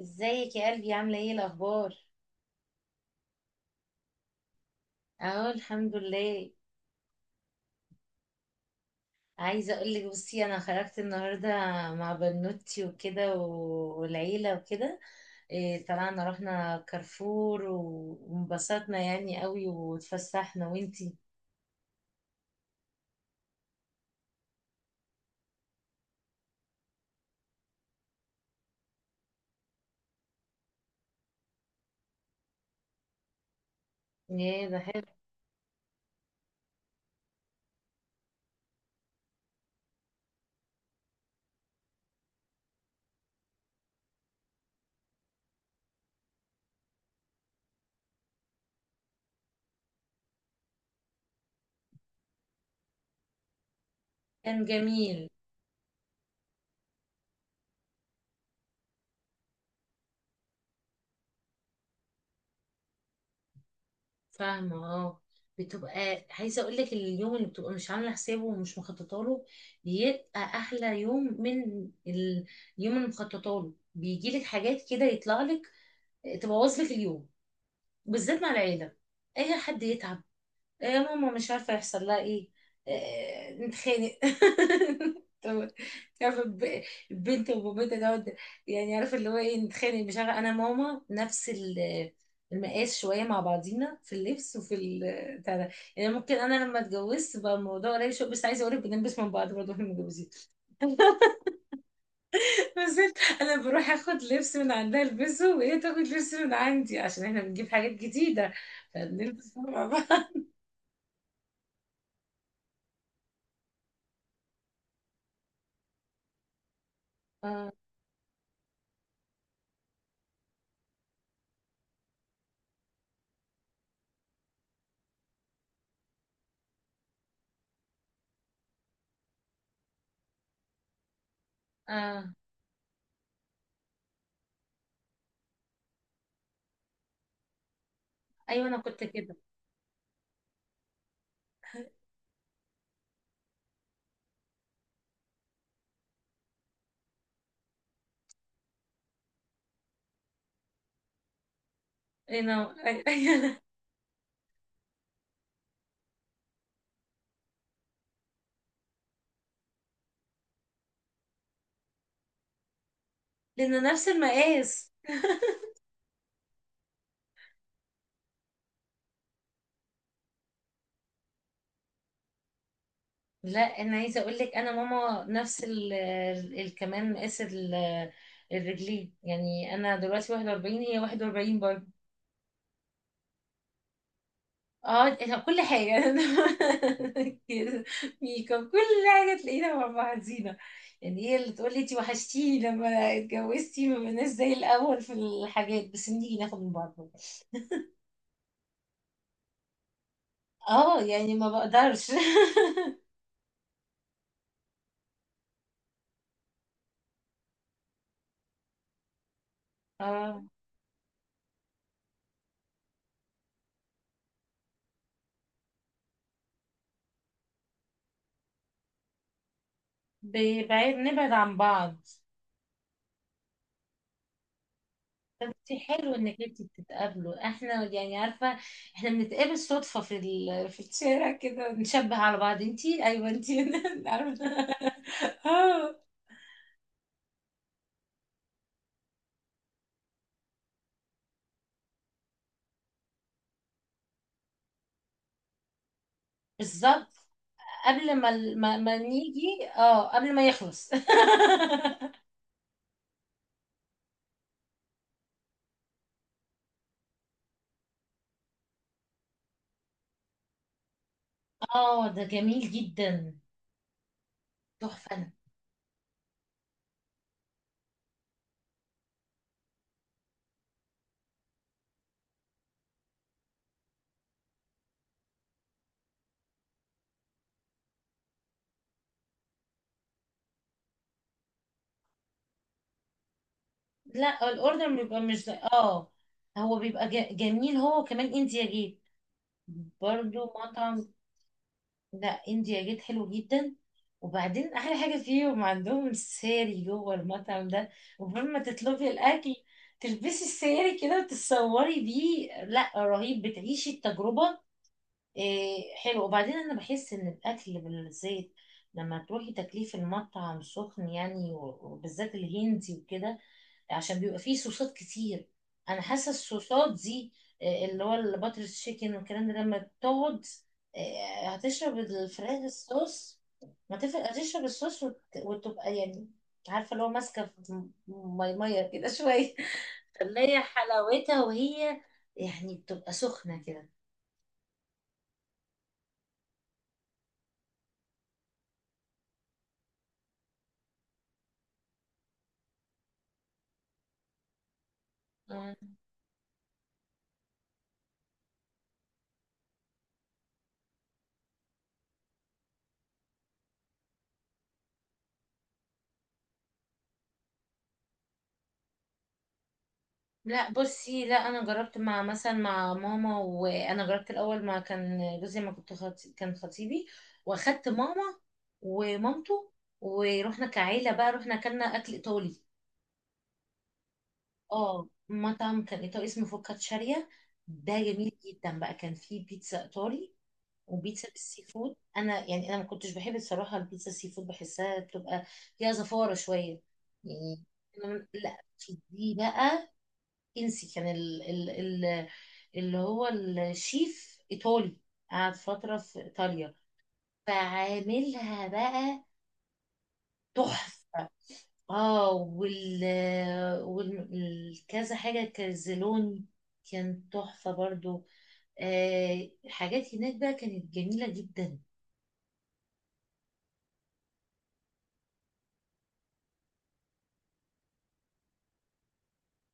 ازيك يا قلبي؟ عامله ايه الاخبار؟ اهو الحمد لله. عايزه اقول لك، بصي انا خرجت النهارده مع بنوتي وكده والعيله وكده. إيه، طلعنا رحنا كارفور وانبسطنا يعني قوي واتفسحنا. وانتي؟ ايه ده، حلو. كان جميل. فاهمه، اه. بتبقى، عايزه اقول لك، اليوم اللي بتبقى مش عامله حسابه ومش مخططه له بيبقى احلى يوم من ال- اليوم اللي مخططه له بيجي لك حاجات كده، يطلع لك تبوظ لك اليوم، بالذات مع العيله. اي حد يتعب، يا ماما مش عارفه يحصل لها ايه. آه، نتخانق طب عارفه البنت وبابتها دوت. يعني عارفه، اللي هو ايه، نتخانق، مش عارفه، انا ماما نفس المقاس شويه مع بعضينا في اللبس وفي بتاع ده. يعني ممكن انا لما اتجوزت بقى الموضوع قريب شويه، بس عايزه اقول لك بنلبس من بعض برضه واحنا متجوزين نزلت انا بروح اخد لبس من عندها البسه، وهي تاخد لبس من عندي، عشان احنا بنجيب حاجات جديده فبنلبس مع بعض. اه اه ايوه، انا كنت كده. إيه، انا أيوة. لانه نفس المقاس. لا، انا عايزه اقول لك انا ماما نفس كمان مقاس الرجلين. يعني انا دلوقتي 41، هي 41 برضه. اه، كل حاجة كده ميك اب، كل حاجة تلاقينا مع بعضينا. يعني هي اللي تقول لي انتي وحشتيني، لما اتجوزتي ما بقيناش زي الأول في الحاجات، بس نيجي ناخد من بعض برضه. اه يعني ما بقدرش اه، بنبعد، نبعد عن بعض. انتي حلو انك انتي بتتقابلوا. احنا يعني عارفة احنا بنتقابل صدفة في في الشارع كده، نشبه على بعض، انتي؟ ايوه انتي عارفة؟ اه، بالظبط. قبل ما نيجي، اه قبل ما يخلص اه، ده جميل جدا. تحفة. لا الاوردر بيبقى مش زي- اه. هو بيبقى جميل. هو كمان انديا جيت برضو مطعم. لا، انديا جيت حلو جدا. وبعدين احلى حاجة فيهم، عندهم الساري جوه المطعم ده، وقبل ما تطلبي الاكل تلبسي الساري كده وتتصوري بيه. لا رهيب، بتعيشي التجربة. إيه حلو. وبعدين انا بحس ان الاكل بالزيت لما تروحي تاكليه في المطعم سخن يعني وبالذات الهندي وكده، عشان بيبقى فيه صوصات كتير. انا حاسه الصوصات دي، إيه، اللي هو الباتر تشيكن والكلام ده، لما تقعد، إيه، هتشرب الفراخ الصوص. ما تفرق، هتشرب الصوص وتبقى يعني عارفه اللي هو ماسكه في ميه كده شويه اللي هي حلاوتها، وهي يعني بتبقى سخنه كده. لا بصي، لا انا جربت مع مثلا مع ماما، وانا جربت الاول ما كان جوزي، ما كان خطيبي، واخدت ماما ومامته، ورحنا كعيله بقى، رحنا اكلنا اكل ايطالي. اه، مطعم كان ايطالي اسمه فوكاتشاريا. ده جميل جدا بقى، كان فيه بيتزا ايطالي وبيتزا بالسي فود. انا يعني انا ما كنتش بحب الصراحه البيتزا السي فود، بحسها بتبقى فيها زفاره شويه يعني. لا، دي بقى انسي. كان ال ال ال اللي هو الشيف ايطالي، قعد فتره في ايطاليا، فعاملها بقى تحفه. اه، والكذا حاجه كرزلوني كان تحفه برضو. آه، حاجات هناك بقى كانت جميله جدا.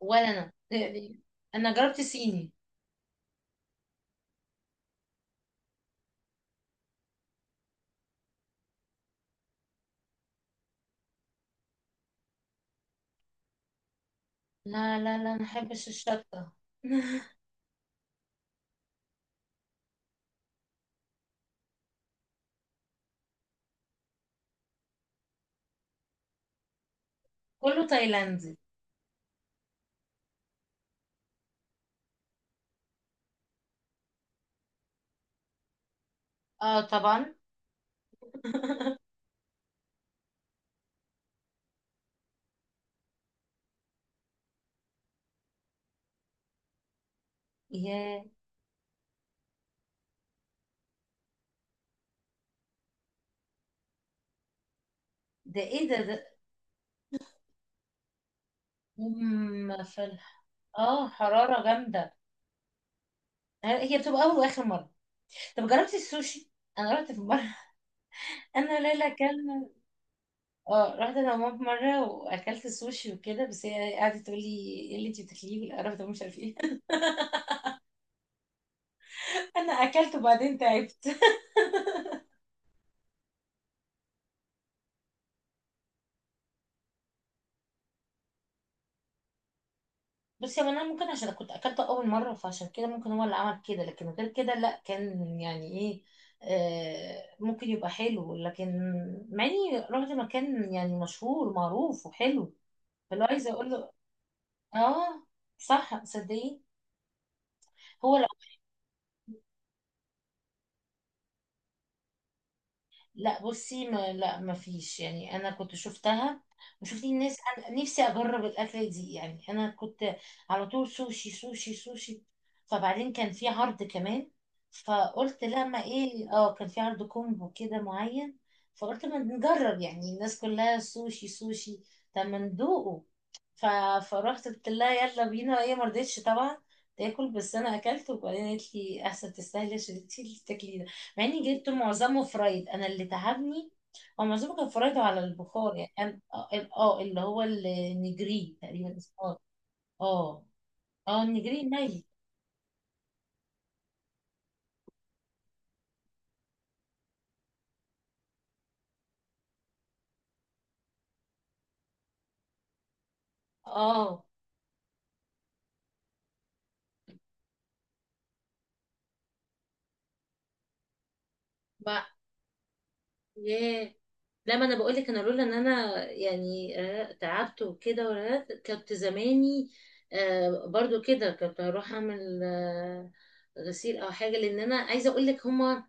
ولا انا يعني انا جربت صيني. لا لا لا، ما احبش الشطه كله تايلاندي. اه طبعا يا، ده ايه ده؟ أم فل. اه، حرارة جامدة. هي بتبقى أول وآخر مرة. طب جربتي السوشي؟ أنا رحت في مرة أنا ليلى أكلنا. اه، رحت أنا وماما في مرة وأكلت السوشي وكده، بس هي قعدت تقول لي إيه اللي أنتي بتاكليه، والقرف ده مش عارف إيه. أنا أكلت وبعدين تعبت بس يعني أنا ممكن عشان كنت أكلته أول مرة، فعشان كده ممكن هو اللي عمل كده، لكن غير كده لأ، كان يعني إيه. آه، ممكن يبقى حلو، لكن مع إني رحت مكان يعني مشهور معروف وحلو. فاللي هو عايزة أقول له، اه، صح، صدقي. هو لا. لا بصي، ما فيش يعني. انا كنت شفتها وشفت الناس، انا نفسي اجرب الاكله دي. يعني انا كنت على طول سوشي سوشي سوشي. فبعدين كان في عرض كمان، فقلت لما ايه، اه كان في عرض كومبو كده معين، فقلت ما نجرب، يعني الناس كلها سوشي سوشي، طب ما ندوقه. ف... فروحت قلت لها يلا بينا، هي ما رضتش طبعا تاكل، بس انا اكلت. وبعدين قالت لي احسن تستاهلي، عشان انت اللي بتاكلي ده، مع اني جبت معظمه فرايد، انا اللي تعبني. هو معظمه كان فرايد على البخار يعني. اه، آه، اللي هو النجري تقريبا اسمه. اه اه النجري ني. اه بقى. ياه. لا، ما انا بقول لك، انا لولا ان انا يعني آه، تعبت وكده ورهقت، كنت زماني آه، برضو كده، كنت هروح اعمل آه، غسيل او حاجه. لان انا عايزه اقول لك هما،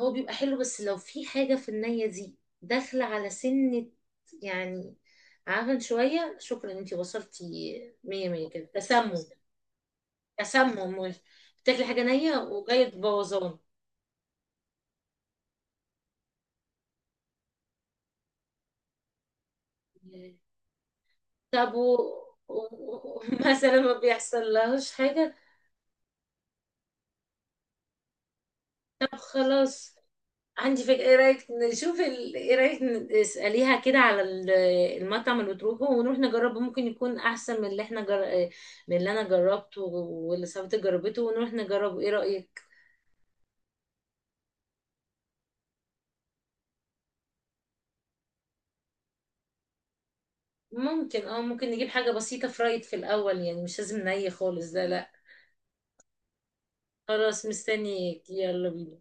هو بيبقى حلو، بس لو في حاجه في النيه دي داخله على سنه يعني، عفن شويه. شكرا، انتي وصلتي مية مية. كده تسمم. تسمم مش- بتاكلي حاجه نيه وجايه بوظان. طب و... و- مثلا ما بيحصل لهاش حاجة؟ طب خلاص، عندي فكرة. ايه رأيك ايه رأيك نسأليها كده على المطعم اللي بتروحه، ونروح نجربه. ممكن يكون احسن من اللي من اللي انا جربته واللي صاحبتي جربته، ونروح نجربه. ايه رأيك؟ ممكن، اه ممكن نجيب حاجة بسيطة فرايد في الأول، يعني مش لازم ني خالص ده، لا. خلاص مستنيك، يلا بينا.